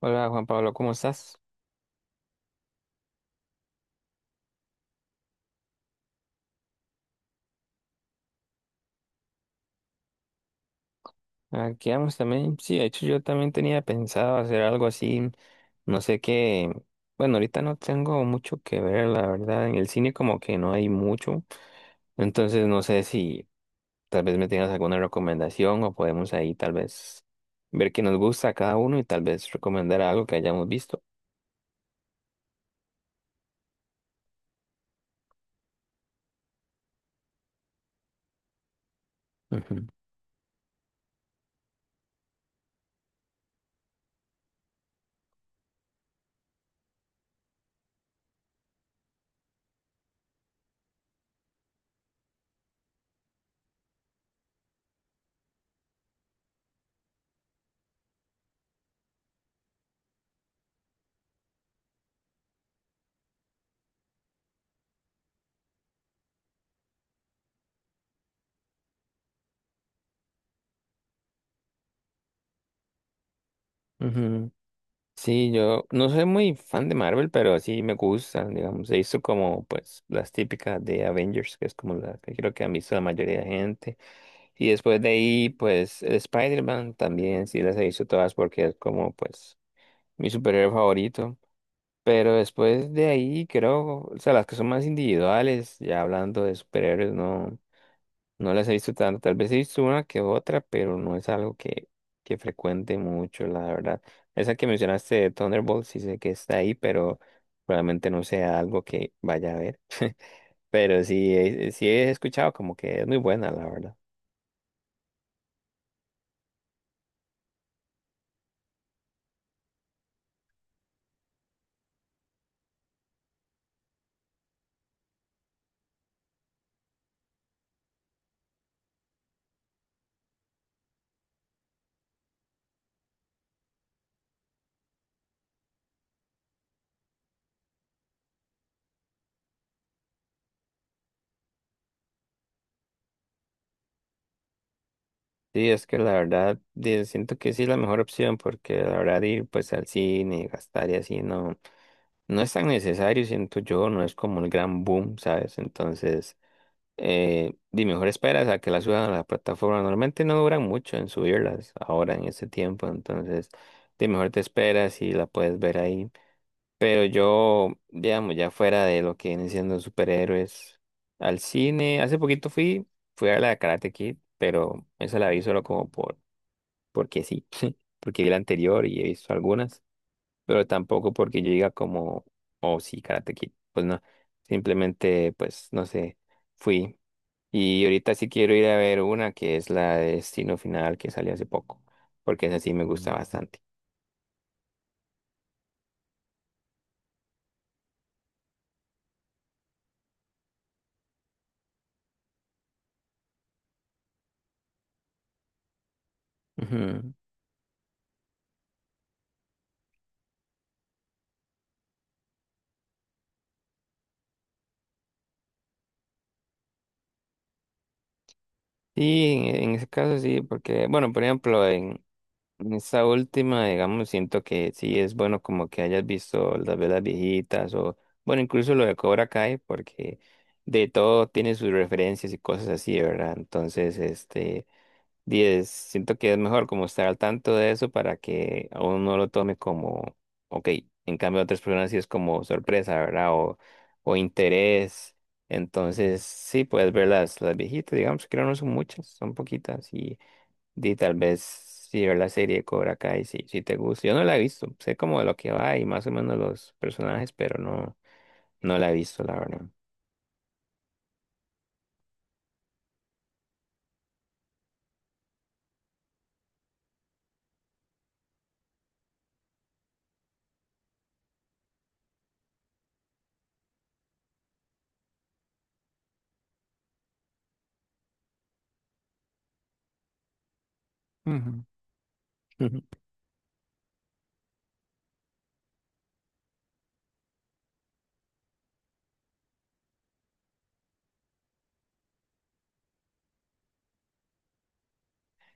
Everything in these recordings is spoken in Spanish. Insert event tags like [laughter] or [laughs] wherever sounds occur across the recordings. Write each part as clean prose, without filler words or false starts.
Hola Juan Pablo, ¿cómo estás? Aquí vamos también. Sí, de hecho yo también tenía pensado hacer algo así, no sé qué. Bueno, ahorita no tengo mucho que ver, la verdad. En el cine como que no hay mucho. Entonces no sé si tal vez me tengas alguna recomendación o podemos ahí tal vez ver qué nos gusta a cada uno y tal vez recomendar algo que hayamos visto. Ujú, ujú. Sí, yo no soy muy fan de Marvel, pero sí me gustan, digamos. He visto como, pues, las típicas de Avengers, que es como la que creo que han visto la mayoría de gente. Y después de ahí, pues, el Spider-Man también, sí las he visto todas porque es como, pues, mi superhéroe favorito. Pero después de ahí, creo, o sea, las que son más individuales, ya hablando de superhéroes, no. No las he visto tanto, tal vez he visto una que otra, pero no es algo que frecuente mucho, la verdad. Esa que mencionaste de Thunderbolt, sí sé que está ahí, pero probablemente no sea algo que vaya a ver. [laughs] Pero sí, sí he escuchado como que es muy buena, la verdad. Sí, es que la verdad, siento que sí es la mejor opción, porque la verdad ir pues al cine, y gastar y así, no, no es tan necesario, siento yo, no es como el gran boom, ¿sabes? Entonces... Y mejor esperas a que las suban a la plataforma. Normalmente no duran mucho en subirlas ahora en este tiempo, entonces de mejor te esperas y la puedes ver ahí. Pero yo, digamos, ya fuera de lo que vienen siendo superhéroes, al cine, hace poquito fui a ver la de Karate Kid, pero esa la vi solo como porque sí, [laughs] porque vi la anterior y he visto algunas, pero tampoco porque yo diga como, oh sí, Karate Kid, pues no, simplemente, pues no sé, fui. Y ahorita sí quiero ir a ver una que es la de Destino Final que salió hace poco, porque esa sí me gusta bastante. Ujú. Sí, en ese caso sí, porque, bueno, por ejemplo, en esta última, digamos, siento que sí es bueno como que hayas visto las velas viejitas o, bueno, incluso lo de Cobra Kai, porque de todo tiene sus referencias y cosas así, ¿verdad? Entonces, este... 10 siento que es mejor como estar al tanto de eso para que a uno no lo tome como, ok, en cambio otras personas sí es como sorpresa, ¿verdad? O interés. Entonces, sí, puedes ver las viejitas, digamos, que no son muchas, son poquitas. Y tal vez si ver la serie de Cobra Kai, si, si te gusta. Yo no la he visto, sé como de lo que va y más o menos los personajes, pero no, no la he visto, la verdad. Ujú. [laughs]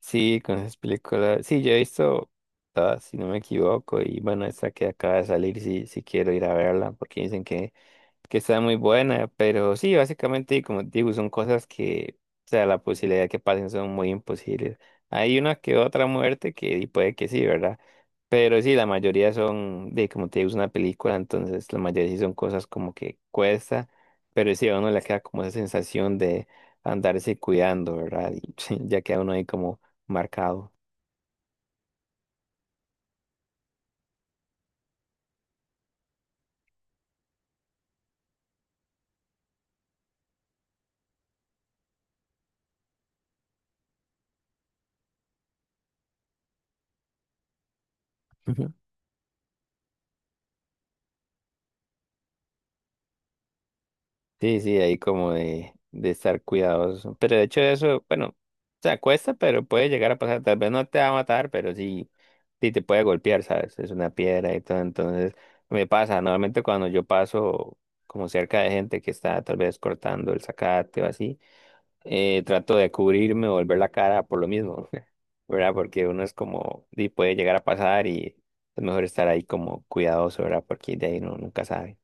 Sí, con esas películas. Sí, yo he visto todas, si no me equivoco. Y bueno, esta que acaba de salir, sí, sí quiero ir a verla, porque dicen que está muy buena, pero sí, básicamente, como te digo, son cosas que, o sea, la posibilidad de que pasen son muy imposibles. Hay una que otra muerte que y puede que sí, ¿verdad? Pero sí, la mayoría son, de como te digo, es una película, entonces la mayoría sí son cosas como que cuesta, pero sí a uno le queda como esa sensación de andarse cuidando, ¿verdad? Y [laughs] ya queda uno ahí como marcado. [laughs] Sí, sí, ahí como de estar cuidadoso. Pero de hecho eso, bueno, se acuesta, pero puede llegar a pasar. Tal vez no te va a matar, pero sí, sí te puede golpear, ¿sabes? Es una piedra y todo. Entonces, me pasa, normalmente cuando yo paso como cerca de gente que está tal vez cortando el zacate o así, trato de cubrirme o volver la cara por lo mismo, [laughs] ¿verdad? Porque uno es como, sí, puede llegar a pasar y es mejor estar ahí como cuidadoso, ¿verdad? Porque de ahí uno nunca sabe.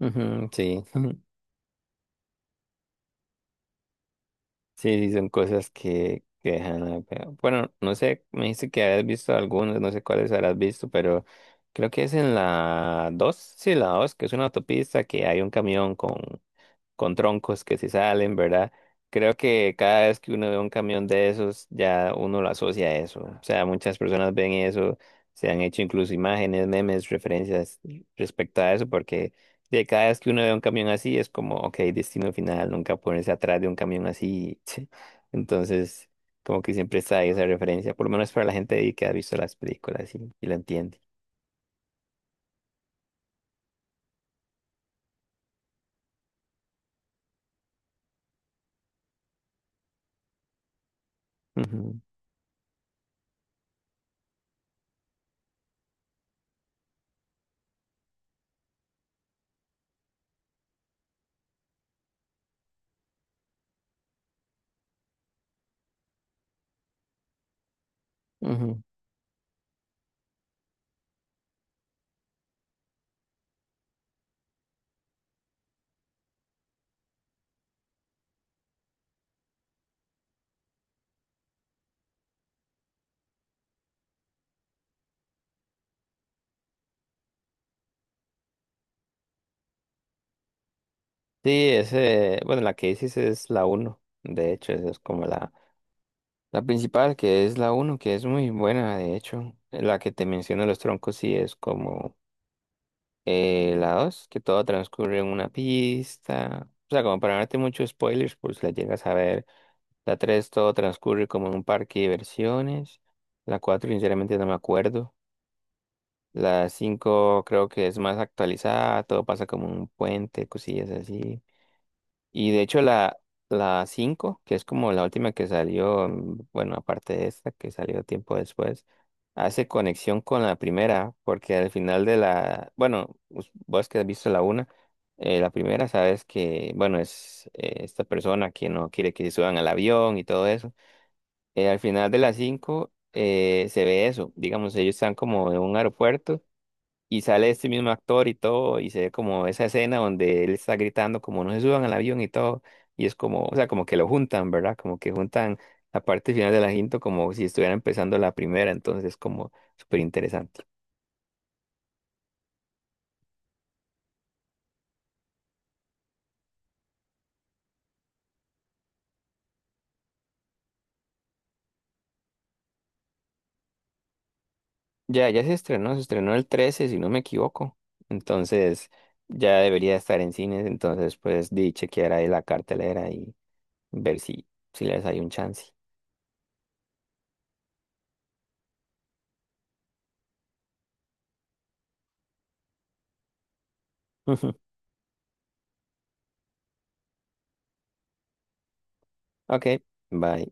Ujú, sí. [laughs] Sí, sí, son cosas que dejan. Bueno, no sé, me dijiste que habías visto algunas, no sé cuáles habrás visto, pero creo que es en la 2. Sí, la 2, que es una autopista que hay un camión con troncos que se salen, ¿verdad? Creo que cada vez que uno ve un camión de esos, ya uno lo asocia a eso. O sea, muchas personas ven eso, se han hecho incluso imágenes, memes, referencias respecto a eso, porque de cada vez que uno ve un camión así es como, ok, destino final, nunca ponerse atrás de un camión así. [laughs] Entonces, como que siempre está ahí esa referencia, por lo menos para la gente ahí que ha visto las películas y lo entiende. Ujú, ujú. Sí, ese, bueno, la que dices es la uno, de hecho, esa es como la principal, que es la uno que es muy buena, de hecho, la que te menciono los troncos, sí es como la 2 que todo transcurre en una pista. O sea, como para no darte muchos spoilers, pues la llegas a ver. La 3 todo transcurre como en un parque de diversiones. La 4 sinceramente, no me acuerdo. La 5 creo que es más actualizada, todo pasa como en un puente, cosillas así. Y de hecho la 5 que es como la última que salió, mm, bueno, aparte de esta que salió tiempo después, hace conexión con la primera, porque al final de la, bueno, vos que has visto la una, la primera sabes que, bueno, es esta persona que no quiere que se suban al avión y todo eso. Al final de la 5 se ve eso, digamos, ellos están como en un aeropuerto y sale este mismo actor y todo, y se ve como esa escena donde él está gritando como no se suban al avión y todo, y es como, o sea, como que lo juntan, ¿verdad? Como que juntan la parte final de la cinta como si estuviera empezando la primera, entonces es como súper interesante. Ya, ya se estrenó el 13 si no me equivoco, entonces ya debería estar en cines, entonces pues di chequear ahí la cartelera y ver si, si les hay un chance. [laughs] Ok, bye.